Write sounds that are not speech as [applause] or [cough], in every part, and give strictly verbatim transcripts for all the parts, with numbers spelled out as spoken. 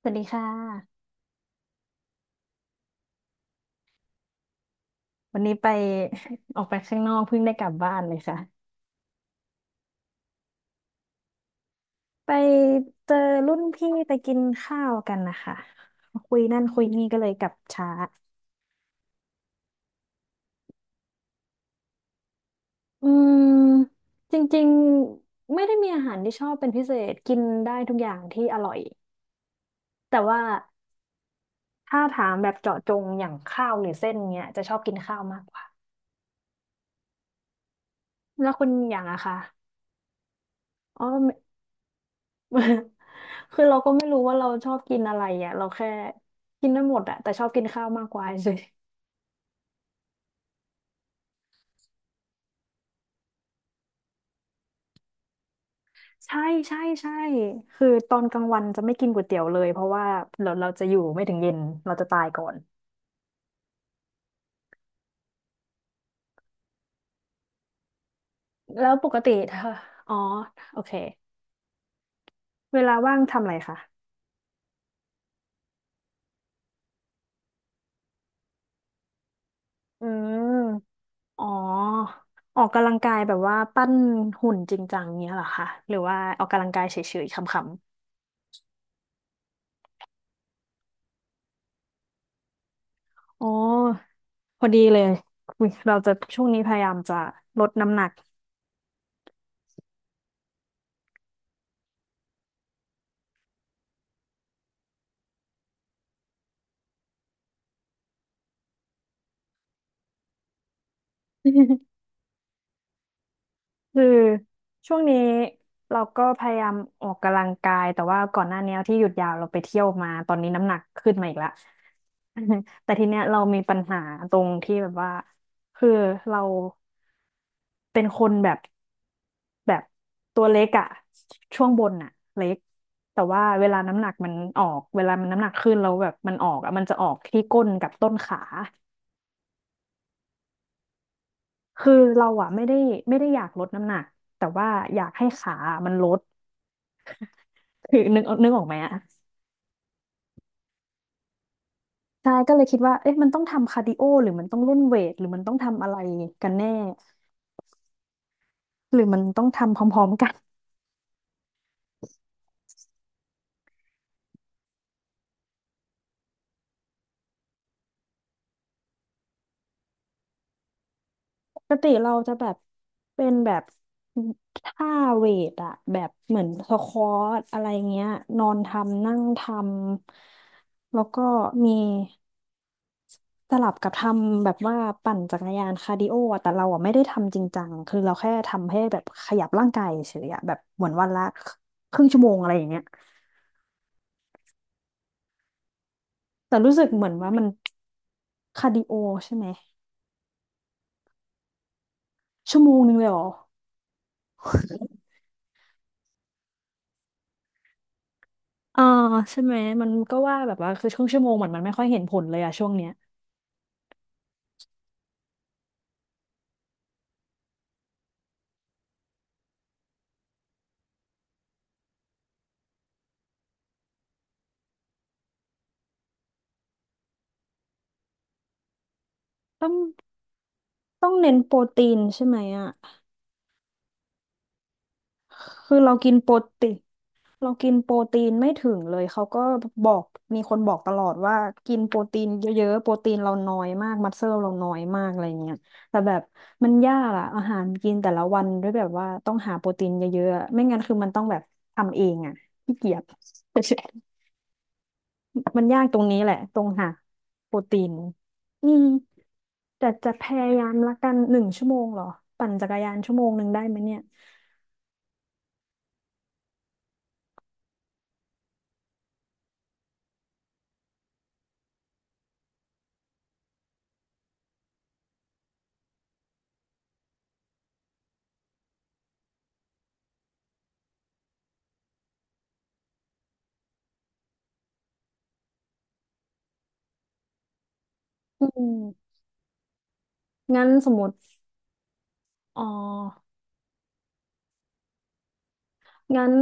สวัสดีค่ะวันนี้ไป [laughs] ออกไปข้างนอกเพิ่งได้กลับบ้านเลยค่ะไปเจอรุ่นพี่ไปกินข้าวกันนะคะคุยนั่นคุยนี่ก็เลยกลับช้าอืมจริงๆไม่ได้มีอาหารที่ชอบเป็นพิเศษกินได้ทุกอย่างที่อร่อยแต่ว่าถ้าถามแบบเจาะจงอย่างข้าวหรือเส้นเนี้ยจะชอบกินข้าวมากกว่าแล้วคุณอย่างอะคะอ๋อ [laughs] คือเราก็ไม่รู้ว่าเราชอบกินอะไรอ่ะเราแค่กินได้หมดอะแต่ชอบกินข้าวมากกว่าเฉย [laughs] ๆใช่ใช่ใช่คือตอนกลางวันจะไม่กินก๋วยเตี๋ยวเลยเพราะว่าเราเราจะอยู่ไม่ถึงเย็นเราจะตายก่อนแล้วปกติเธออ๋อโอเคเวลาว่างทำอะไรคะอืมอ๋อออกกำลังกายแบบว่าปั้นหุ่นจริงจังเงี้ยเหรอคะหรือว่าออกกำลังกายเฉยๆคำ อ๋อพอดีเลยเราจะช่วงนี้พยายามจะลดน้ำหนัก [laughs] คือช่วงนี้เราก็พยายามออกกำลังกายแต่ว่าก่อนหน้านี้ที่หยุดยาวเราไปเที่ยวมาตอนนี้น้ำหนักขึ้นมาอีกละ [laughs] แต่ทีเนี้ยเรามีปัญหาตรงที่แบบว่าคือเราเป็นคนแบบแบบตัวเล็กอะช่วงบนอะเล็กแต่ว่าเวลาน้ำหนักมันออกเวลามันน้ำหนักขึ้นแล้วแบบมันออกอะมันจะออกที่ก้นกับต้นขา คือเราอะไม่ได้ไม่ได้อยากลดน้ำหนักแต่ว่าอยากให้ขามันลด [laughs] คือนึกนึกออกไหมอะใช่ก็เลยคิดว่าเอ๊ะมันต้องทำคาร์ดิโอหรือมันต้องเล่นเวทหรือมันต้องทำอะไรกันแน่หรือมันต้องทำพร้อมๆกัน [laughs] ปกติเราจะแบบเป็นแบบท่าเวทอะแบบเหมือนสควอตอะไรเงี้ยนอนทำนั่งทำแล้วก็มี สลับกับทำแบบว่าปั่นจักรยานคาร์ดิโออะแต่เราอ่ะไม่ได้ทำจริงจังคือเราแค่ทำให้แบบขยับร่างกายเฉยอะแบบเหมือนวันละครึ่งชั่วโมงอะไรอย่างเงี้ยแต่รู้สึกเหมือนว่ามันคาร์ดิโอใช่ไหมชั่วโมงนึงเลยเหรออ่าใช่ไหมมันก็ว่าแบบว่าคือช่วงชั่วโมงเหมือนมันไม่ค่อยเห็นผลเลยอะช่วงเนี้ยต้องต้องเน้นโปรตีนใช่ไหมอะคือเรากินโปรตีน เรากินโปรตีนไม่ถึงเลยเขาก็บอกมีคนบอกตลอดว่ากินโปรตีนเยอะๆโปรตีนเราน้อยมากมัสเซลเราน้อยมากอะไรเงี้ยแต่แบบมันยากอะอาหารกินแต่ละวันด้วยแบบว่าต้องหาโปรตีนเยอะๆไม่งั้นคือมันต้องแบบทำเองอะขี้เกียจ [laughs] มันยากตรงนี้แหละตรงหาโปรตีนอืมแต่จะพยายามละกันหนึ่งชั่วโมงเหรอปั่นจักรยานชั่วโมงหนึ่งได้ไหมเนี่ยอืมงั้นสมมติอ๋อ งั้น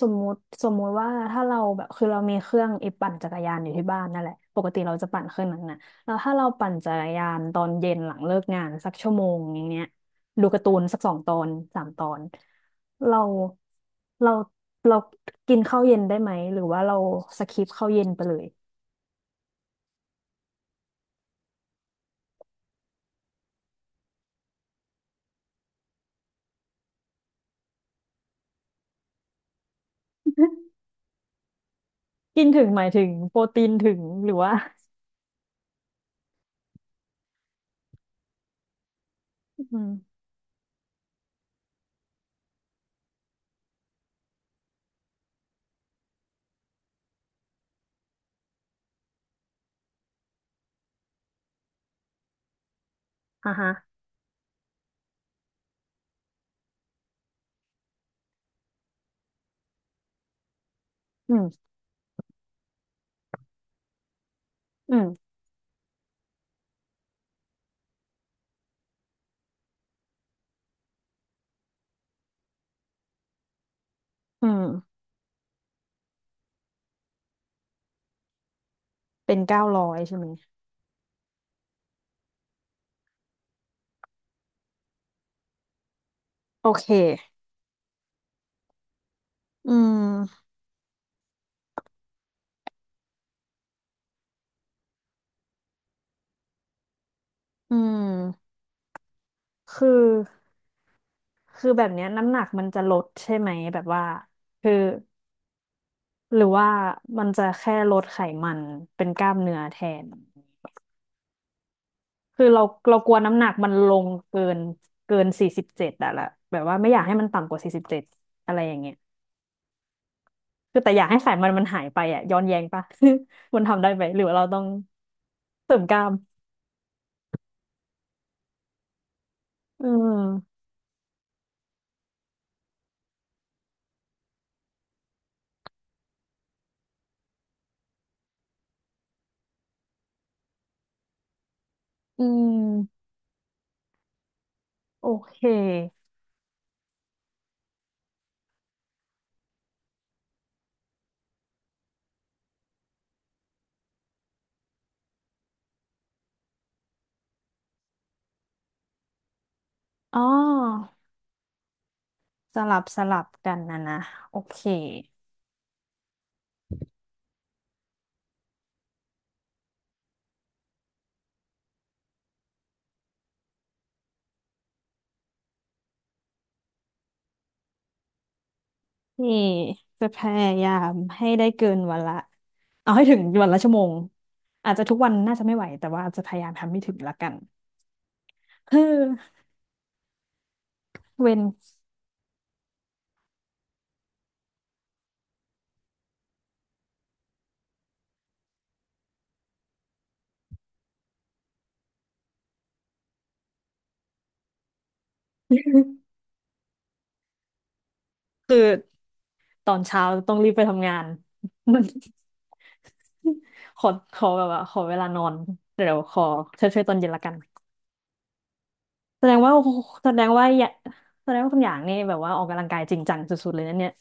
สมมุติสมมุติว่าถ้าเราแบบคือเรามีเครื่องไอ้ปั่นจักรยานอยู่ที่บ้านนั่นแหละปกติเราจะปั่นเครื่องนั้นน่ะแล้วถ้าเราปั่นจักรยานตอนเย็นหลังเลิกงานสักชั่วโมงอย่างเงี้ยดูการ์ตูนสักสองตอนสามตอนเราเราเรากินข้าวเย็นได้ไหมหรือว่าเราสคิปข้าวเย็นไปเลย [laughs] กินถึงหมายถึงโปรตีนถึงหรือว่าอืมอ่าฮะอืมอืมอืมเป็นเก้าร้อยใช่ไหมโอเคอืมอืม คือคือแบบเนี้ยน้ำหนักมันจะลดใช่ไหมแบบว่าคือหรือว่ามันจะแค่ลดไขมันเป็นกล้ามเนื้อแทนคือเราเรากลัวน้ำหนักมันลงเกินเกินสี่สิบเจ็ดอะละแบบว่าไม่อยากให้มันต่ำกว่าสี่สิบเจ็ดอะไรอย่างเงี้ยคือแต่อยากให้ไขมันมันหายไปอะย้อนแย้งปะ [laughs] มันทำได้ไหมหรือว่าเราต้องเสริมกล้ามอืมอืมโอเคอ๋อสลับสลับกันนะนะโอเค นี่จะพยายามให้ได้เกินวันละเอาให้ถึงวันละชั่วโมงอาจจะทุกวันน่าจะไม่ไหวแต่ว่าจะพยายามทำให้ถึงละกัน [laughs] เออเว้น [laughs] คือตอนเช้าต้องรีบไปทำงาน [laughs] มัน [laughs] ขอขอแบบว่าขอเวลานอนเดี๋ยวขอเช่วยๆตอนเย็นละกันแสดงว่าแสดงว่าอย่าแสดงว่าคุณอย่างนี่แบบว่าออกกำลังกายจริงจังสุดๆเลยนะเนี่ย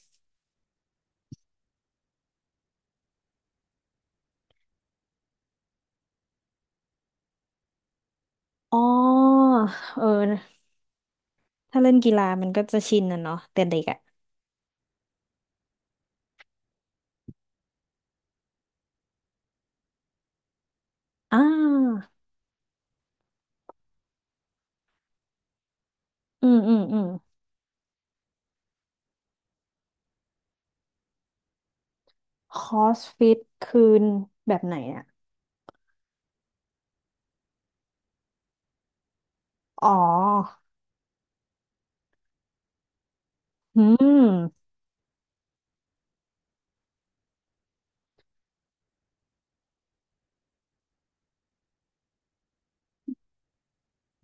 อ๋อเออถ้าเล่นกีฬามันก็จะชินนะเนาะแต่เด็กอะอ่า อืมอืมอืมคอสฟิตคืนแบบไหนอ่ะอ๋ออืม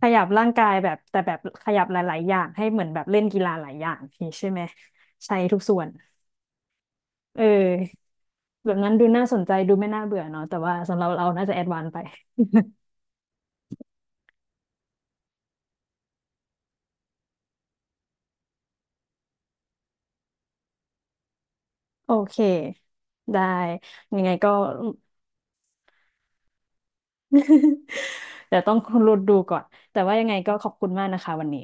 ขยับร่างกายแบบแต่แบบขยับหลายๆอย่างให้เหมือนแบบเล่นกีฬาหลายอย่างนี่ใช่ไหมใช้ทุกส่วนเออแบบนั้นดูน่าสนใจดูไม่น่าเบื่อเนาะแต่ว่าสำหรับเราน่าจะแอดวานซ์ไป [laughs] โอเคได้ยังไงก็ [laughs] เดี๋ยวต้อง [laughs] รุดดูก่อนแต่ว่ายังไงก็ขอบคุณมากนะคะวันนี้